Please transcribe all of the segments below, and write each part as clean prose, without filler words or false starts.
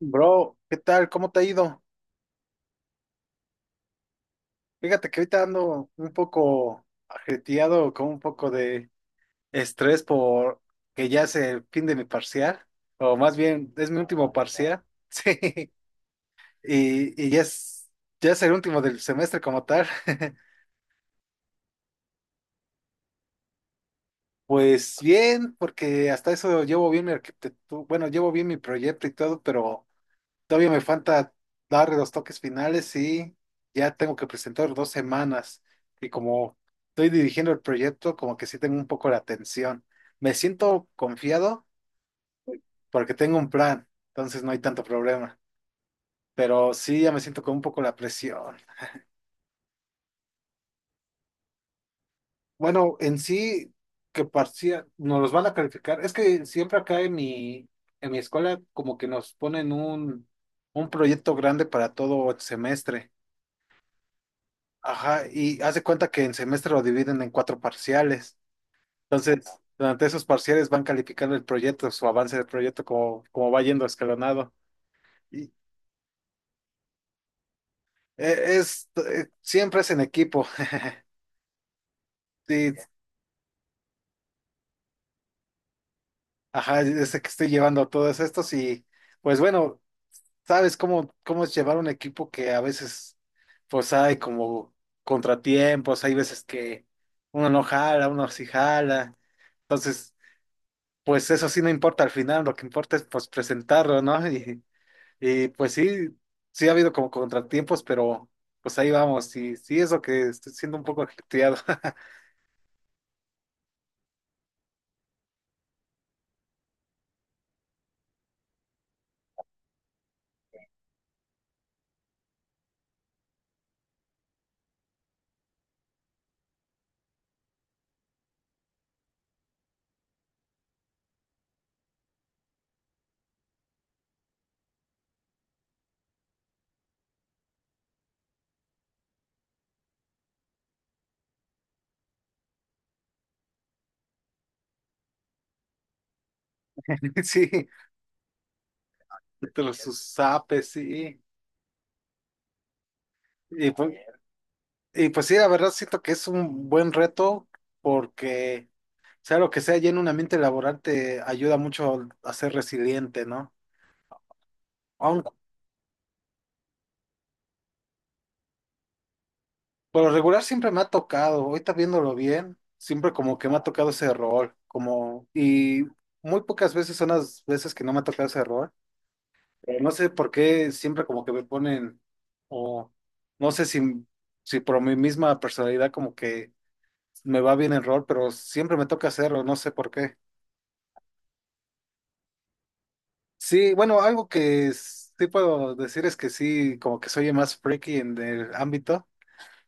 Bro, ¿qué tal? ¿Cómo te ha ido? Fíjate que ahorita ando un poco ajetreado, con un poco de estrés por que ya es el fin de mi parcial, o más bien es mi último parcial, sí, y ya es el último del semestre como tal. Pues bien, porque hasta eso llevo bien mi arquitectura, bueno, llevo bien mi proyecto y todo, pero todavía me falta dar los toques finales y ya tengo que presentar 2 semanas. Y como estoy dirigiendo el proyecto, como que sí tengo un poco la tensión. Me siento confiado porque tengo un plan, entonces no hay tanto problema. Pero sí, ya me siento con un poco la presión. Bueno, en sí, que parecía, nos los van a calificar. Es que siempre acá en mi escuela como que nos ponen un proyecto grande para todo el semestre. Ajá, y haz de cuenta que en semestre lo dividen en cuatro parciales. Entonces, durante esos parciales van calificando el proyecto, su avance del proyecto, como va yendo escalonado. Y siempre es en equipo. Sí, ajá, es el que estoy llevando todos estos y pues bueno, sabes cómo es llevar un equipo que a veces pues hay como contratiempos, hay veces que uno no jala, uno sí jala. Entonces, pues eso sí no importa al final, lo que importa es pues presentarlo, ¿no? Pues sí, sí ha habido como contratiempos, pero pues ahí vamos, y sí es lo que estoy siendo un poco hateado. Sí, pero sus zapes, sí. Y pues, y pues sí, la verdad siento que es un buen reto porque sea lo que sea, ya en un ambiente laboral te ayuda mucho a ser resiliente, ¿no? Por lo regular siempre me ha tocado, ahorita viéndolo bien, siempre como que me ha tocado ese rol, como, y muy pocas veces son las veces que no me ha tocado ese rol, pero no sé por qué siempre como que me ponen, o no sé si por mi misma personalidad como que me va bien el rol, pero siempre me toca hacerlo, no sé por qué. Sí, bueno, algo que sí puedo decir es que sí, como que soy el más freaky en el ámbito.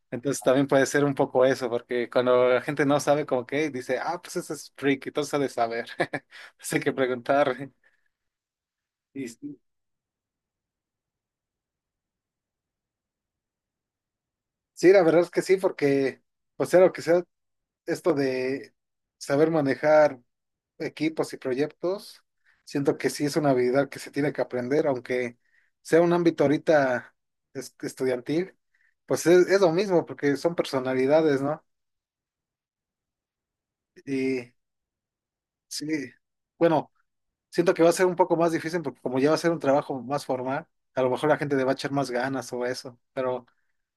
Entonces también puede ser un poco eso, porque cuando la gente no sabe como que dice, ah, pues ese es freak, entonces ha de saber. Así que preguntar. Y sí, la verdad es que sí, porque, o sea, lo que sea, esto de saber manejar equipos y proyectos, siento que sí es una habilidad que se tiene que aprender, aunque sea un ámbito ahorita estudiantil, pues es lo mismo, porque son personalidades, ¿no? Y sí, bueno. Siento que va a ser un poco más difícil porque como ya va a ser un trabajo más formal, a lo mejor la gente le va a echar más ganas o eso, pero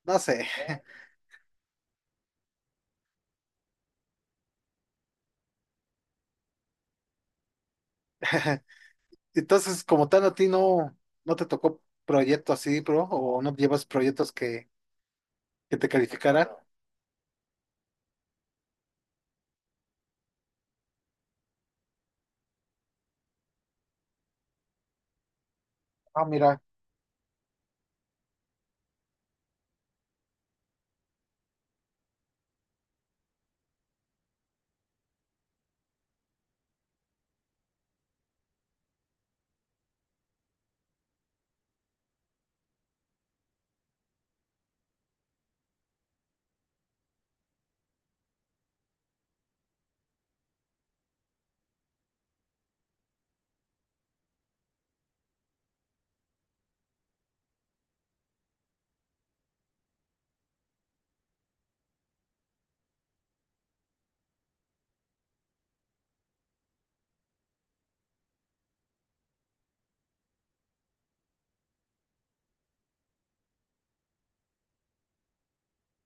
no sé. Entonces, como tal, a ti no, no te tocó proyecto así, bro, o no llevas proyectos que te calificaran. Ah, mira,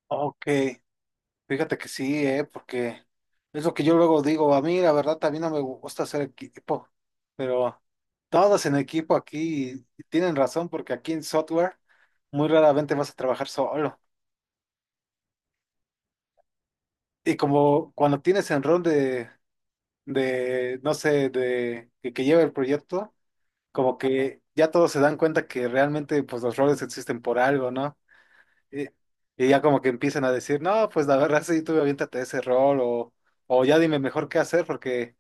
ok, fíjate que sí, porque es lo que yo luego digo, a mí la verdad también no me gusta hacer equipo, pero todos en equipo aquí tienen razón porque aquí en software muy raramente vas a trabajar solo. Y como cuando tienes enrón de, no sé, de que lleva el proyecto, como que ya todos se dan cuenta que realmente pues los roles existen por algo, ¿no? Y, y ya como que empiezan a decir, no, pues la verdad sí, tú aviéntate ese rol o ya dime mejor qué hacer porque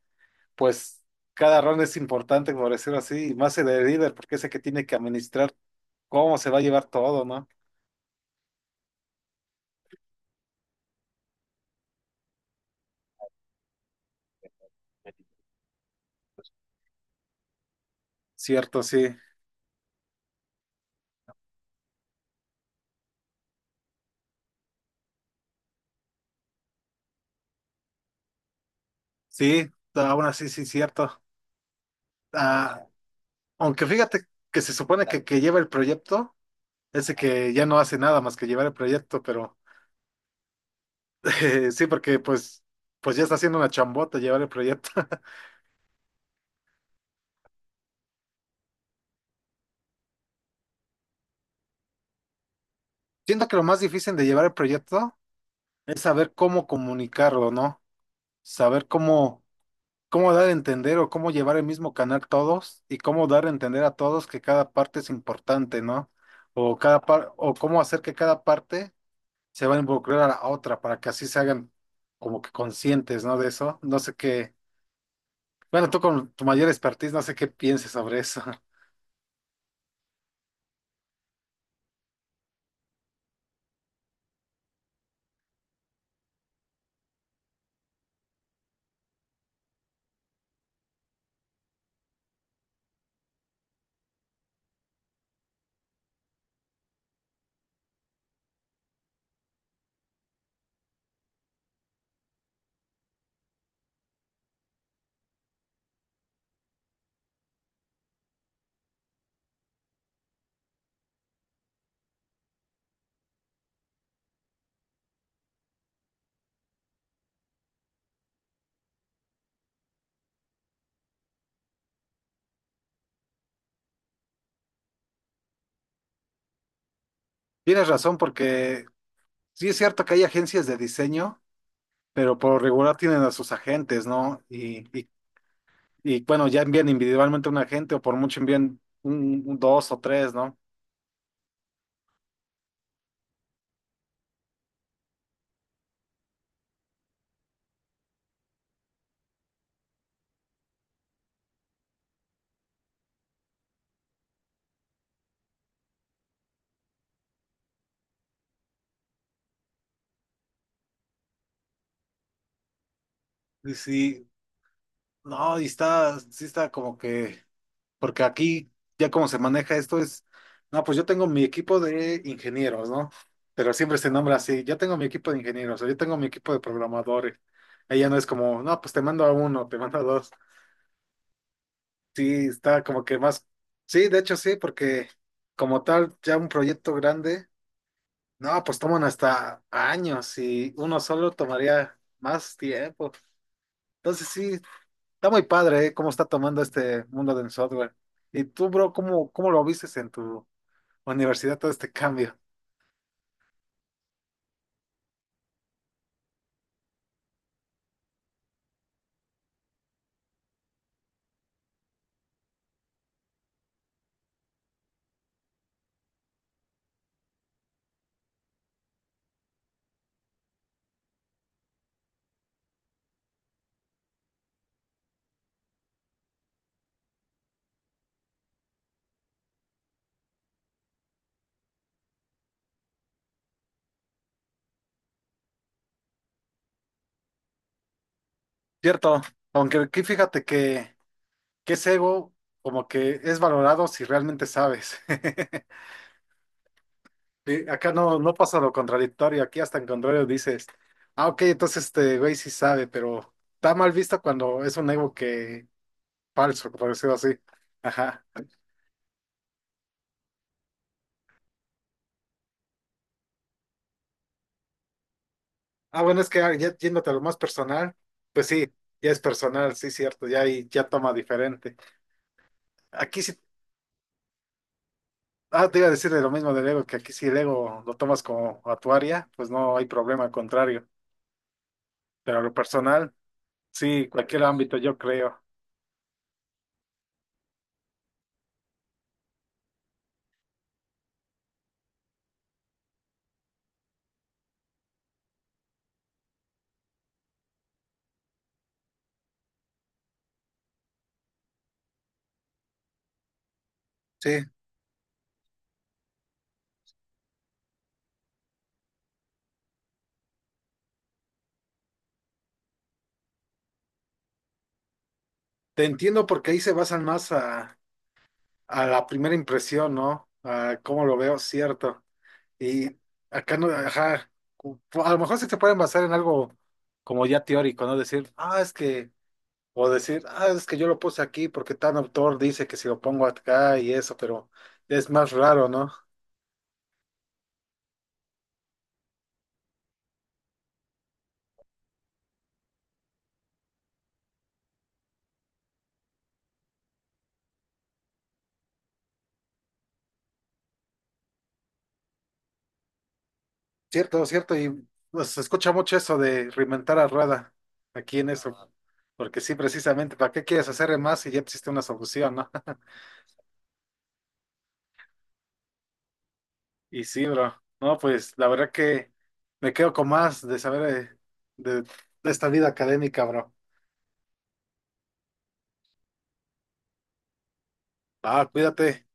pues cada rol es importante, por decirlo así, y más el de líder porque es el que tiene que administrar cómo se va a llevar todo, ¿no? Cierto, sí. Sí, aún así sí, cierto. Ah, aunque fíjate que, se supone que lleva el proyecto, ese que ya no hace nada más que llevar el proyecto, pero sí, porque pues ya está haciendo una chambota llevar el proyecto. Siento que lo más difícil de llevar el proyecto es saber cómo comunicarlo, ¿no? Saber cómo dar a entender o cómo llevar el mismo canal todos y cómo dar a entender a todos que cada parte es importante, ¿no? O o cómo hacer que cada parte se va a involucrar a la otra para que así se hagan como que conscientes, ¿no? De eso. No sé qué. Bueno, tú con tu mayor expertise, no sé qué pienses sobre eso. Tienes razón, porque sí es cierto que hay agencias de diseño, pero por lo regular tienen a sus agentes, ¿no? Bueno, ya envían individualmente un agente o por mucho envían un dos o tres, ¿no? Y sí, no, y está, sí está como que... Porque aquí ya como se maneja esto es, no, pues yo tengo mi equipo de ingenieros, ¿no? Pero siempre se nombra así, yo tengo mi equipo de ingenieros, o yo tengo mi equipo de programadores. Ella no es como, no, pues te mando a uno, te mando a dos. Sí, está como que más, sí, de hecho sí, porque como tal, ya un proyecto grande, no, pues toman hasta años y uno solo tomaría más tiempo. Entonces sí, está muy padre, ¿eh? Cómo está tomando este mundo del software. ¿Y tú, bro, cómo lo vistes en tu universidad todo este cambio? Cierto, aunque aquí fíjate que ese ego como que es valorado si realmente sabes. Sí, acá no, no pasa lo contradictorio, aquí hasta en contrario dices, ah, ok, entonces este güey sí sabe, pero está mal visto cuando es un ego que falso, por decirlo así. Ajá. Ah, bueno, es que ya yéndote a lo más personal, pues sí, ya es personal, sí, cierto, ya ahí ya toma diferente. Aquí sí. Ah, te iba a decir de lo mismo del ego, que aquí si el ego lo tomas como a tu área, pues no hay problema, al contrario. Pero a lo personal, sí, cualquier ámbito, yo creo. Sí, te entiendo porque ahí se basan más a la primera impresión, ¿no? A cómo lo veo, cierto. Y acá no, ajá, a lo mejor sí se pueden basar en algo como ya teórico, ¿no? Decir, ah, es que, o decir, ah, es que yo lo puse aquí porque tal autor dice que si lo pongo acá y eso, pero es más raro, ¿no? Cierto, cierto, y pues, se escucha mucho eso de reinventar a rueda aquí en eso, porque sí, precisamente, ¿para qué quieres hacer de más si ya existe una solución, no? Y sí, bro, no, pues la verdad que me quedo con más de saber de esta vida académica, bro. Ah, cuídate.